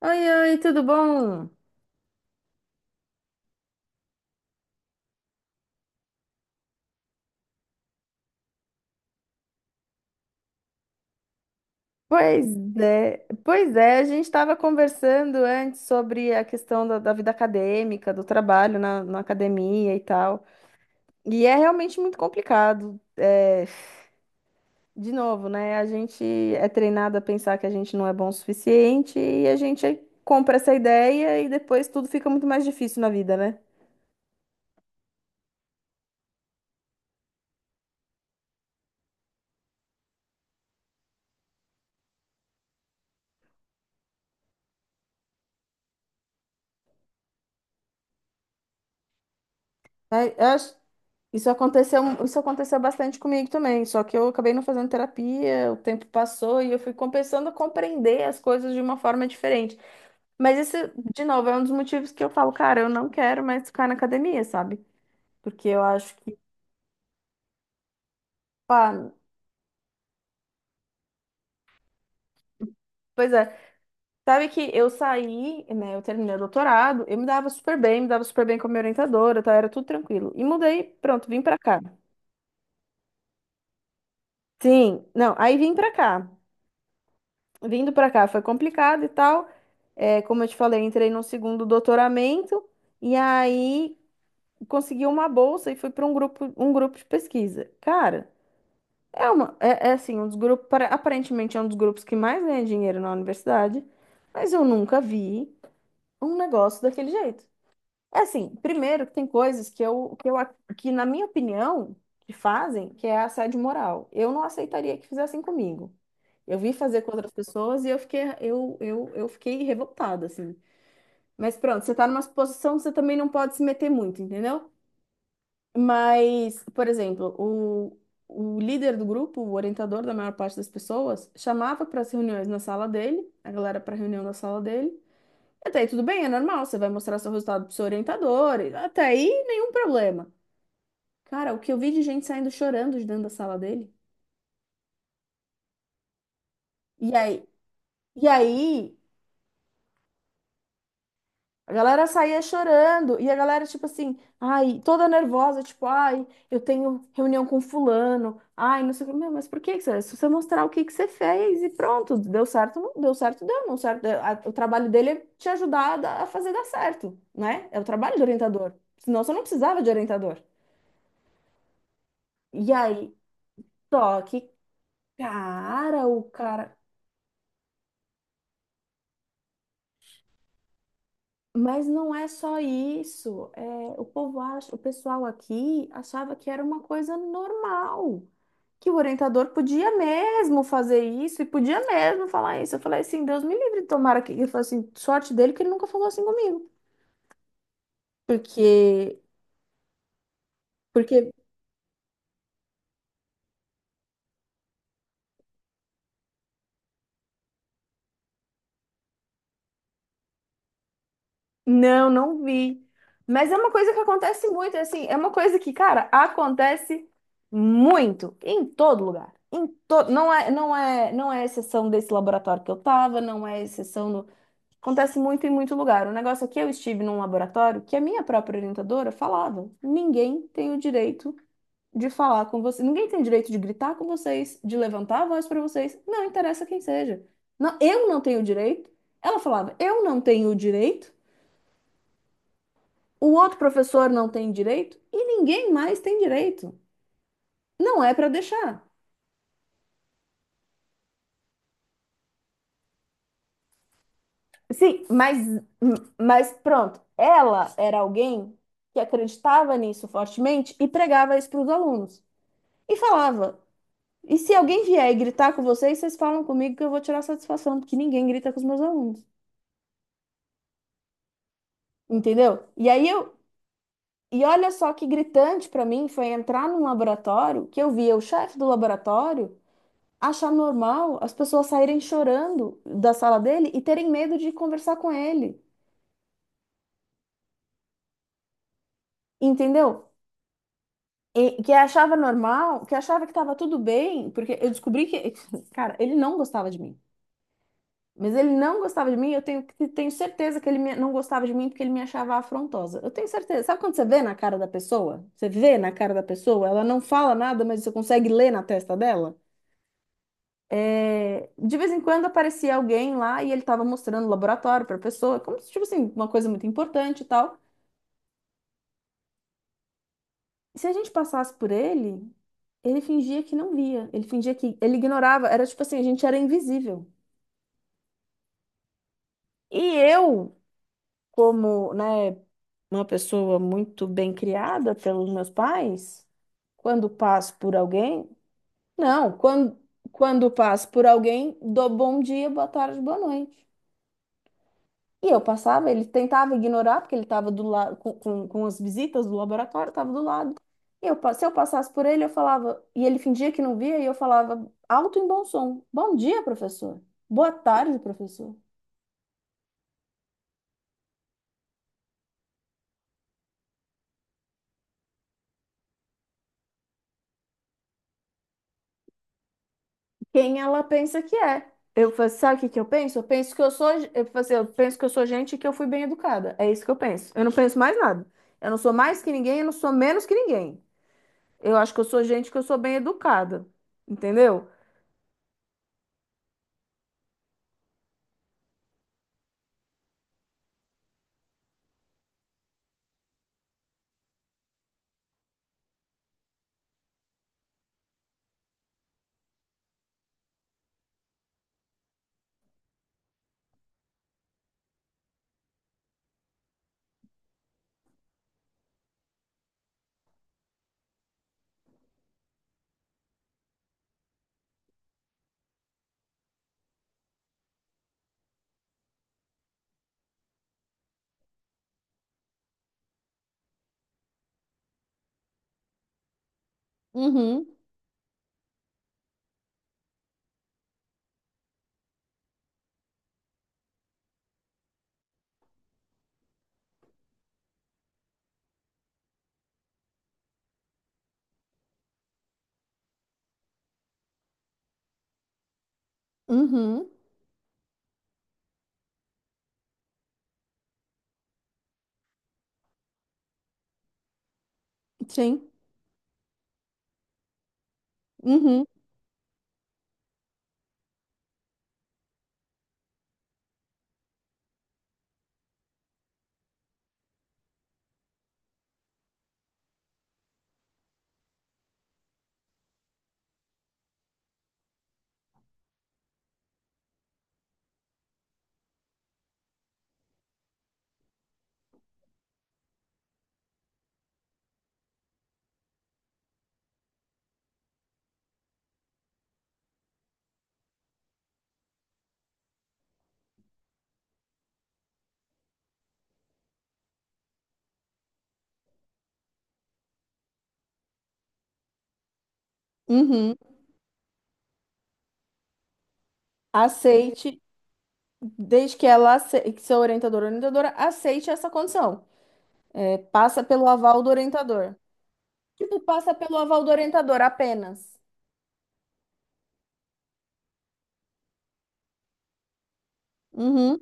Oi, oi, tudo bom? Pois é, pois é, a gente estava conversando antes sobre a questão da vida acadêmica, do trabalho na academia e tal. E é realmente muito complicado. De novo, né? A gente é treinado a pensar que a gente não é bom o suficiente e a gente compra essa ideia e depois tudo fica muito mais difícil na vida, né? É, eu acho- isso aconteceu bastante comigo também, só que eu acabei não fazendo terapia, o tempo passou e eu fui começando a compreender as coisas de uma forma diferente. Mas esse, É um dos motivos que eu falo, cara, eu não quero mais ficar na academia, sabe? Porque eu acho que, pá, pois é, sabe que eu saí, né, eu terminei o doutorado, eu me dava super bem, me dava super bem com a minha orientadora, tá, era tudo tranquilo. E mudei, pronto, vim pra cá. Sim, não, aí vim pra cá. Vindo pra cá foi complicado e tal. É, como eu te falei, entrei no segundo doutoramento e aí consegui uma bolsa e fui para um grupo de pesquisa. Cara, é uma, é, é assim, um dos grupos, para- aparentemente é um dos grupos que mais ganha dinheiro na universidade, mas eu nunca vi um negócio daquele jeito. É assim, primeiro que tem coisas que na minha opinião, que é assédio moral. Eu não aceitaria que fizessem comigo. Eu vi fazer com outras pessoas e eu fiquei, eu fiquei revoltada, assim. Mas pronto, você tá numa posição que você também não pode se meter muito, entendeu? Mas, por exemplo, o líder do grupo, o orientador da maior parte das pessoas, chamava para as reuniões na sala dele, a galera para reunião na sala dele, até aí tudo bem, é normal, você vai mostrar seu resultado pro seu orientador, e até aí nenhum problema. Cara, o que eu vi de gente saindo chorando de dentro da sala dele? E aí, e aí, a galera saía chorando, e a galera, tipo assim, ai, toda nervosa, tipo, ai, eu tenho reunião com fulano, ai, não sei o que. Meu, mas por que que você? Se você mostrar o que que você fez e pronto, deu certo, não deu certo, deu, não certo. Deu. A- O trabalho dele é te ajudar a dar- a fazer dar certo, né? É o trabalho do orientador. Senão você não precisava de orientador. E aí, Só que, cara, o cara. Mas não é só isso. É, o povo acha, o pessoal aqui achava que era uma coisa normal, que o orientador podia mesmo fazer isso e podia mesmo falar isso. Eu falei assim, Deus me livre, tomara que. Eu falei assim, sorte dele que ele nunca falou assim comigo. Porque, porque Não, não vi. Mas é uma coisa que acontece muito, assim, é uma coisa que, cara, acontece muito em todo lugar. Em todo, não é exceção desse laboratório que eu tava, não é exceção no, acontece muito em muito lugar. O negócio é que eu estive num laboratório que a minha própria orientadora falava: ninguém tem o direito de falar com você, ninguém tem o direito de gritar com vocês, de levantar a voz para vocês, não interessa quem seja. Não, eu não tenho o direito. Ela falava: eu não tenho o direito, o outro professor não tem direito e ninguém mais tem direito. Não é para deixar. Sim, mas pronto. Ela era alguém que acreditava nisso fortemente e pregava isso para os alunos. E falava: e se alguém vier e gritar com vocês, vocês falam comigo que eu vou tirar satisfação, porque ninguém grita com os meus alunos. Entendeu? E aí eu. E olha só que gritante para mim foi entrar num laboratório que eu via o chefe do laboratório achar normal as pessoas saírem chorando da sala dele e terem medo de conversar com ele, entendeu? E que achava normal, que achava que estava tudo bem, porque eu descobri que, cara, ele não gostava de mim. Mas ele não gostava de mim, tenho certeza que ele me- não gostava de mim porque ele me achava afrontosa. Eu tenho certeza. Sabe quando você vê na cara da pessoa? Você vê na cara da pessoa, ela não fala nada, mas você consegue ler na testa dela? É, de vez em quando aparecia alguém lá e ele estava mostrando o laboratório para a pessoa, como se, tipo assim, uma coisa muito importante e tal. Se a gente passasse por ele, ele fingia que não via, ele fingia que ele ignorava, era tipo assim, a gente era invisível. E eu, como, né, uma pessoa muito bem criada pelos meus pais, quando passo por alguém, não, quando, quando passo por alguém, dou bom dia, boa tarde, boa noite. E eu passava, ele tentava ignorar, porque ele estava do lado com as visitas do laboratório, estava do lado. E eu, pa- se eu passasse por ele, eu falava, e ele fingia que não via, e eu falava alto em bom som: Bom dia, professor. Boa tarde, professor. Quem ela pensa que é? Eu falo, sabe o que que eu penso? Eu falo assim, eu penso que eu sou gente e que eu fui bem educada. É isso que eu penso. Eu não penso mais nada. Eu não sou mais que ninguém, eu não sou menos que ninguém. Eu acho que eu sou gente que eu sou bem educada. Entendeu? Uhum, uhum, sim. Uhum, uhum. Aceite, desde que ela aceite, que seu orientador ou orientadora aceite essa condição. É, passa pelo aval do orientador. Tipo, passa pelo aval do orientador apenas. Uhum,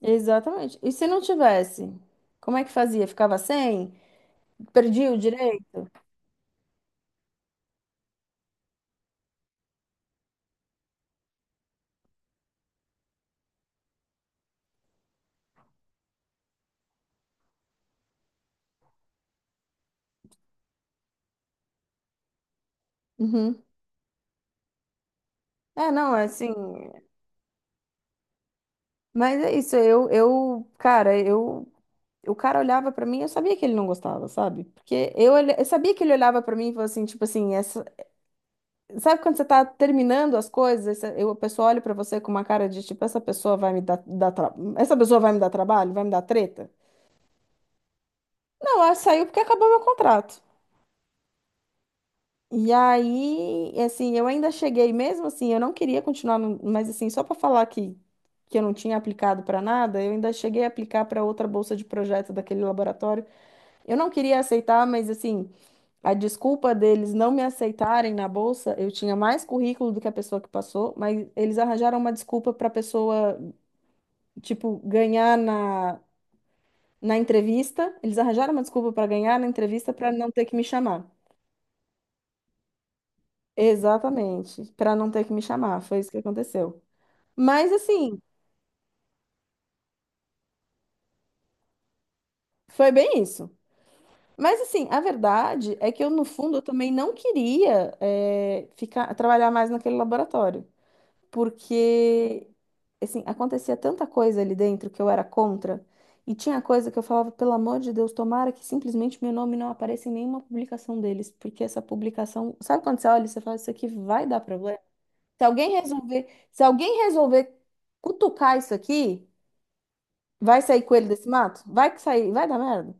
exatamente. E se não tivesse? Como é que fazia? Ficava sem? Perdia o direito? Uhum. É, não, é assim. Mas é isso, eu, cara, eu. O cara olhava pra mim, eu sabia que ele não gostava, sabe? Porque eu, olha- eu sabia que ele olhava pra mim e falou assim, tipo assim, sabe quando você tá terminando as coisas, esse- eu, a pessoa olha pra você com uma cara de tipo, essa pessoa vai me dar, dar tra- essa pessoa vai me dar trabalho, vai me dar treta? Não, ela saiu porque acabou meu contrato. E aí, assim, eu ainda cheguei mesmo assim, eu não queria continuar, no- mas assim, só pra falar que eu não tinha aplicado pra nada, eu ainda cheguei a aplicar pra outra bolsa de projeto daquele laboratório. Eu não queria aceitar, mas assim, a desculpa deles não me aceitarem na bolsa, eu tinha mais currículo do que a pessoa que passou, mas eles arranjaram uma desculpa para a pessoa, tipo, ganhar na entrevista. Eles arranjaram uma desculpa para ganhar na entrevista para não ter que me chamar. Exatamente, para não ter que me chamar. Foi isso que aconteceu. Mas assim, foi bem isso. Mas assim, a verdade é que eu, no fundo, eu também não queria ficar trabalhar mais naquele laboratório. Porque assim, acontecia tanta coisa ali dentro que eu era contra, e tinha coisa que eu falava, pelo amor de Deus, tomara que simplesmente meu nome não apareça em nenhuma publicação deles, porque essa publicação, sabe quando você olha e você fala, isso aqui vai dar problema? Se alguém resolver cutucar isso aqui, vai sair coelho desse mato? Vai que sair, vai dar merda,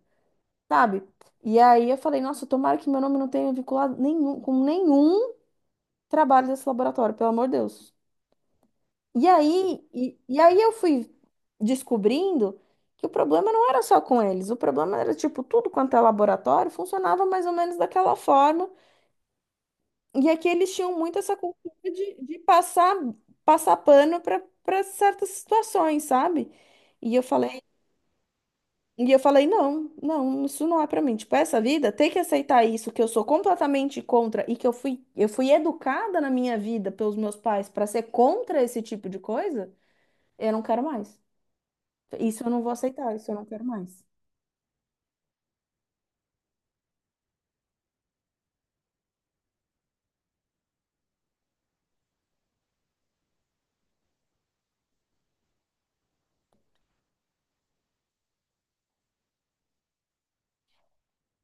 sabe? E aí eu falei, nossa, tomara que meu nome não tenha vinculado nenhum, com nenhum trabalho desse laboratório, pelo amor de Deus. E aí eu fui descobrindo que o problema não era só com eles, o problema era, tipo, tudo quanto é laboratório funcionava mais ou menos daquela forma. E aqui eles tinham muito essa cultura de passar pano para certas situações, sabe? E eu falei, e eu falei, não, não, isso não é para mim. Tipo, essa vida, ter que aceitar isso, que eu sou completamente contra e que eu fui educada na minha vida pelos meus pais para ser contra esse tipo de coisa, eu não quero mais. Isso eu não vou aceitar, isso eu não quero mais.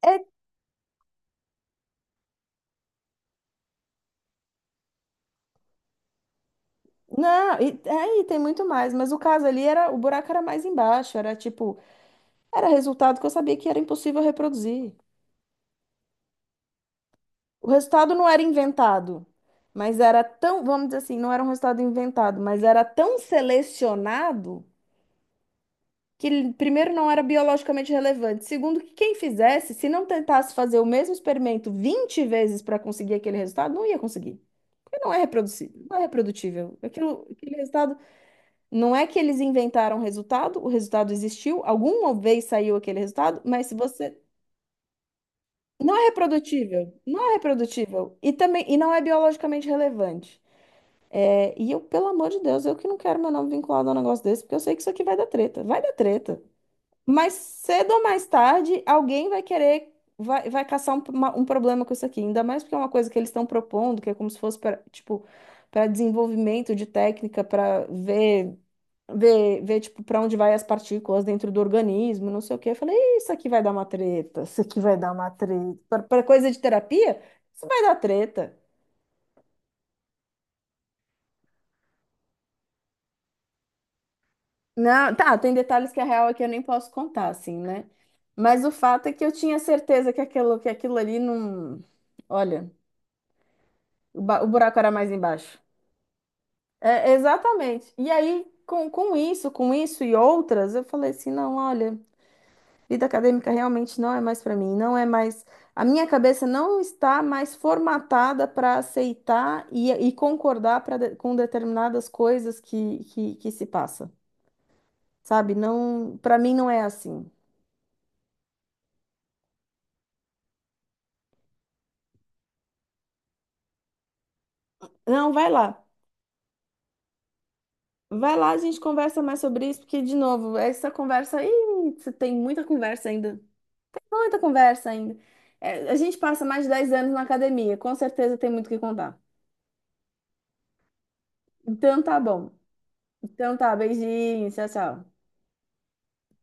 É, não, e, é, e tem muito mais, mas o caso ali era, o buraco era mais embaixo, era tipo, era resultado que eu sabia que era impossível reproduzir. O resultado não era inventado, mas era tão, vamos dizer assim, não era um resultado inventado, mas era tão selecionado que ele, primeiro não era biologicamente relevante, segundo que quem fizesse, se não tentasse fazer o mesmo experimento 20 vezes para conseguir aquele resultado, não ia conseguir. Porque não é reproduzível, não é reprodutível. Aquilo, aquele resultado. Não é que eles inventaram o resultado existiu, alguma vez saiu aquele resultado, mas se você não é reprodutível, não é reprodutível e também e não é biologicamente relevante. É, e eu, pelo amor de Deus, eu que não quero meu nome vinculado a um negócio desse, porque eu sei que isso aqui vai dar treta, vai dar treta. Mas cedo ou mais tarde, alguém vai querer, vai caçar um, uma- um problema com isso aqui, ainda mais porque é uma coisa que eles estão propondo, que é como se fosse para, tipo, para desenvolvimento de técnica, para ver. Ver tipo, para onde vai as partículas dentro do organismo, não sei o quê. Eu falei, isso aqui vai dar uma treta, isso aqui vai dar uma treta. Para coisa de terapia, isso vai dar treta. Não, tá, tem detalhes que a real é que eu nem posso contar, assim, né? Mas o fato é que eu tinha certeza que aquilo ali não. Olha, o, ba- o buraco era mais embaixo. É, exatamente. E aí, com isso e outras, eu falei assim, não, olha. Vida acadêmica realmente não é mais para mim, não é mais. A minha cabeça não está mais formatada para aceitar e concordar pra de- com determinadas coisas que se passa, sabe? Não, para mim não é assim. Não, vai lá. Vai lá, a gente conversa mais sobre isso, porque, de novo, essa conversa aí, você tem muita conversa ainda. Muita conversa ainda. É, a gente passa mais de 10 anos na academia, com certeza tem muito o que contar. Então tá bom. Então tá, beijinho, tchau, tchau.